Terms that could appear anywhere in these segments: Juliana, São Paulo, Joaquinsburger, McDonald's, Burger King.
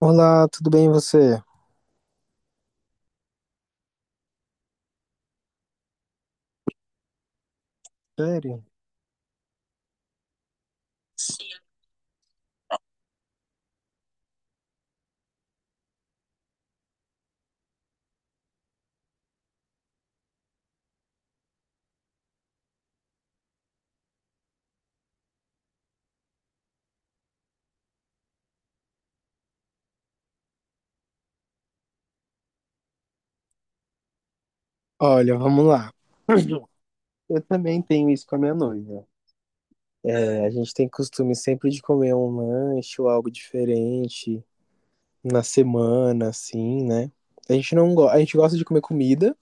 Olá, tudo bem e você? Sério? Olha, vamos lá. Eu também tenho isso com a minha noiva. É, a gente tem costume sempre de comer um lanche ou algo diferente na semana, assim, né? A gente não go... A gente gosta de comer comida,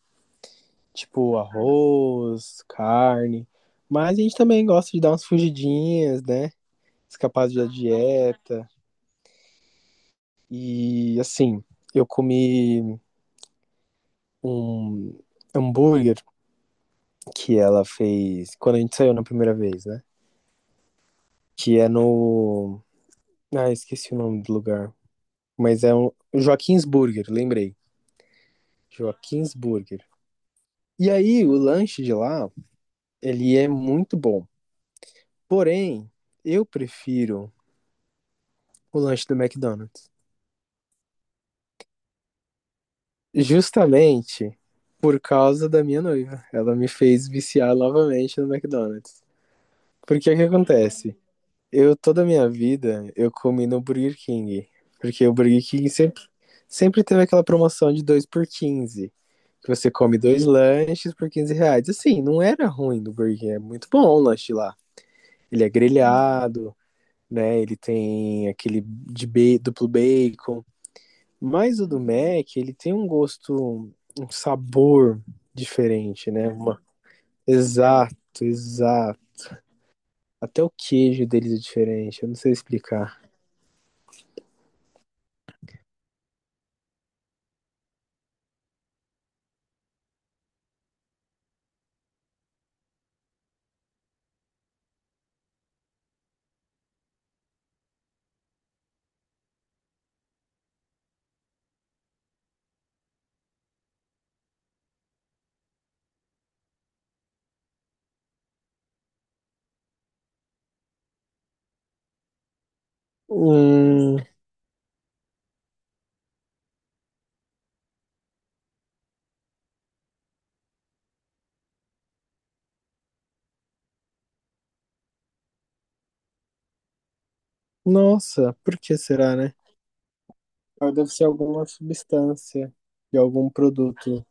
tipo arroz, carne, mas a gente também gosta de dar umas fugidinhas, né? Escapar da dieta. E assim, eu comi um hambúrguer que ela fez quando a gente saiu na primeira vez, né? Que é no. Ah, esqueci o nome do lugar. Mas é um. Joaquinsburger, lembrei. Joaquinsburger. E aí, o lanche de lá, ele é muito bom. Porém, eu prefiro o lanche do McDonald's. Justamente por causa da minha noiva. Ela me fez viciar novamente no McDonald's. Porque o que acontece? Eu, toda a minha vida, eu comi no Burger King. Porque o Burger King sempre teve aquela promoção de 2 por 15. Que você come 2 lanches por R$ 15. Assim, não era ruim do Burger King. É muito bom o lanche lá. Ele é grelhado, né? Ele tem aquele duplo bacon. Mas o do Mac, ele tem um gosto, um sabor diferente, né? Uma... Exato, exato. Até o queijo deles é diferente. Eu não sei explicar. Hum. Nossa, por que será, né? Ah, deve ser alguma substância de algum produto.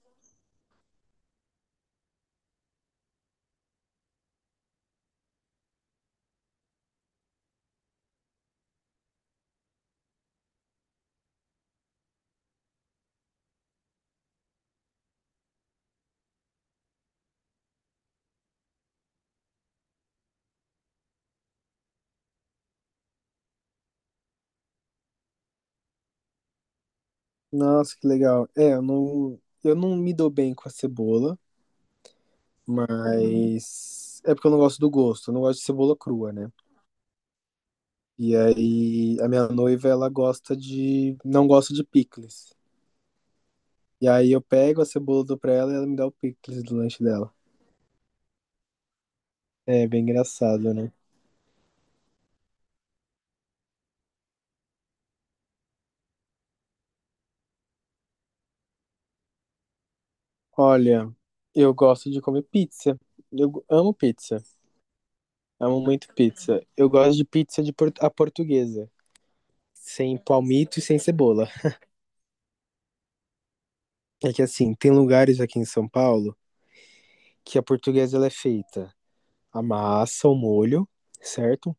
Nossa, que legal. É, eu não me dou bem com a cebola, mas é porque eu não gosto do gosto, eu não gosto de cebola crua, né? E aí a minha noiva, ela gosta de, não gosta de picles. E aí eu pego a cebola, dou pra ela e ela me dá o picles do lanche dela. É bem engraçado, né? Olha, eu gosto de comer pizza. Eu amo pizza. Amo muito pizza. Eu gosto de pizza de a portuguesa, sem palmito e sem cebola. É que assim, tem lugares aqui em São Paulo que a portuguesa ela é feita a massa, o molho, certo?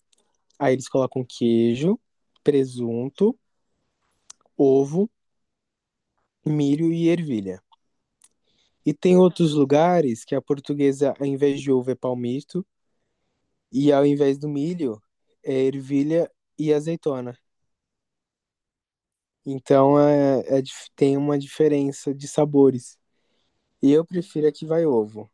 Aí eles colocam queijo, presunto, ovo, milho e ervilha. E tem outros lugares que a portuguesa, ao invés de ovo, é palmito, e ao invés do milho, é ervilha e azeitona. Tem uma diferença de sabores. E eu prefiro a que vai ovo.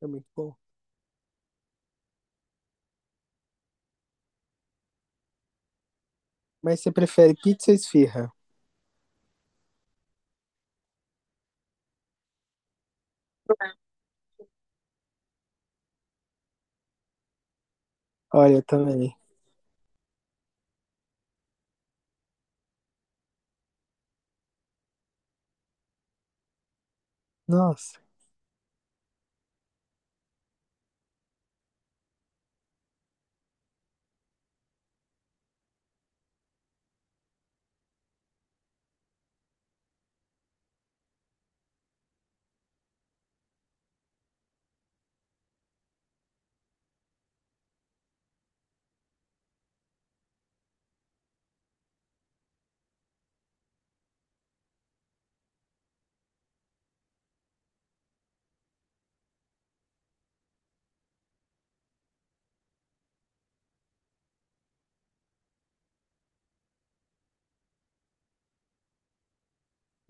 É muito bom. Mas você prefere pizza ou esfirra? Olha, eu também. Nossa.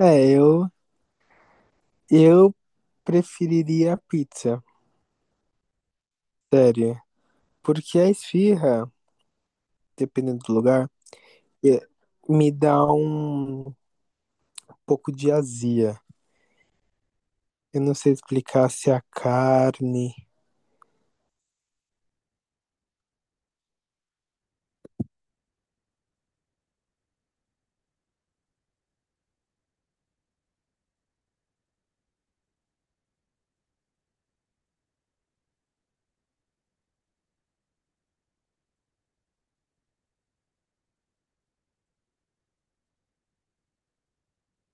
É, eu, eu preferiria a pizza. Sério. Porque a esfirra, dependendo do lugar, é- me dá um pouco de azia. Eu não sei explicar se é a carne.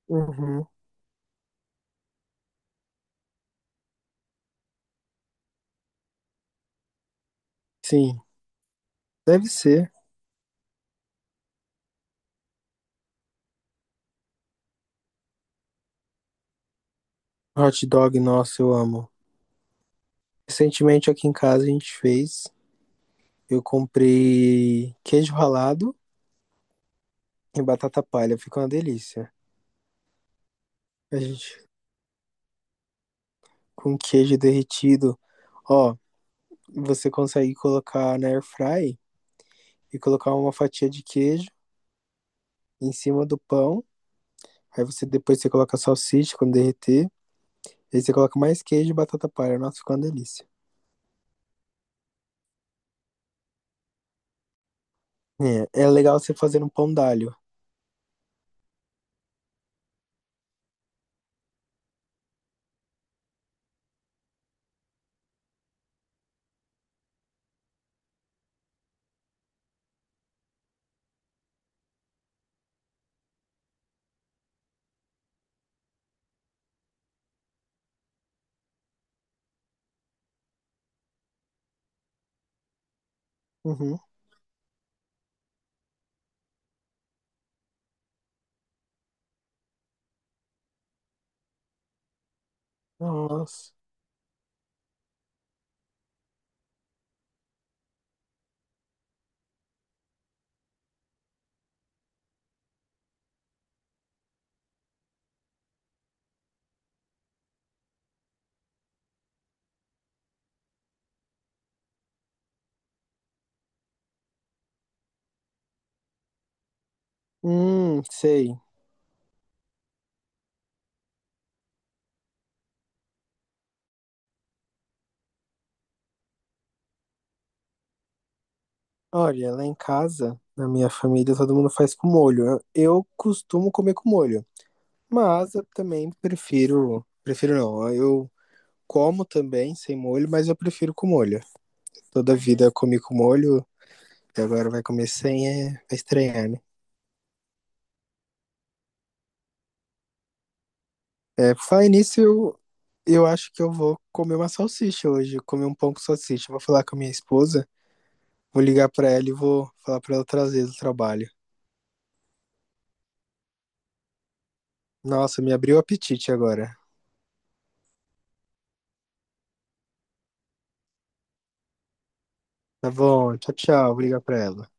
Uhum. Sim, deve ser. Hot dog, nossa, eu amo. Recentemente aqui em casa a gente fez. Eu comprei queijo ralado e batata palha fica uma delícia. A gente com queijo derretido. Ó, você consegue colocar na air fry e colocar uma fatia de queijo em cima do pão. Aí você depois você coloca a salsicha quando derreter. Aí você coloca mais queijo e batata palha. Nossa, fica uma delícia. É, é legal você fazer um pão d'alho. Uhum. Nossa. Sei. Olha, lá em casa, na minha família, todo mundo faz com molho. Eu costumo comer com molho. Mas eu também prefiro. Prefiro não. Eu como também sem molho, mas eu prefiro com molho. Toda a vida eu comi com molho, e agora vai comer sem, é vai estranhar, né? É, por falar nisso, eu acho que eu vou comer uma salsicha hoje, comer um pão com salsicha. Eu vou falar com a minha esposa, vou ligar pra ela e vou falar pra ela trazer do trabalho. Nossa, me abriu o apetite agora. Tá bom, tchau, tchau. Vou ligar pra ela.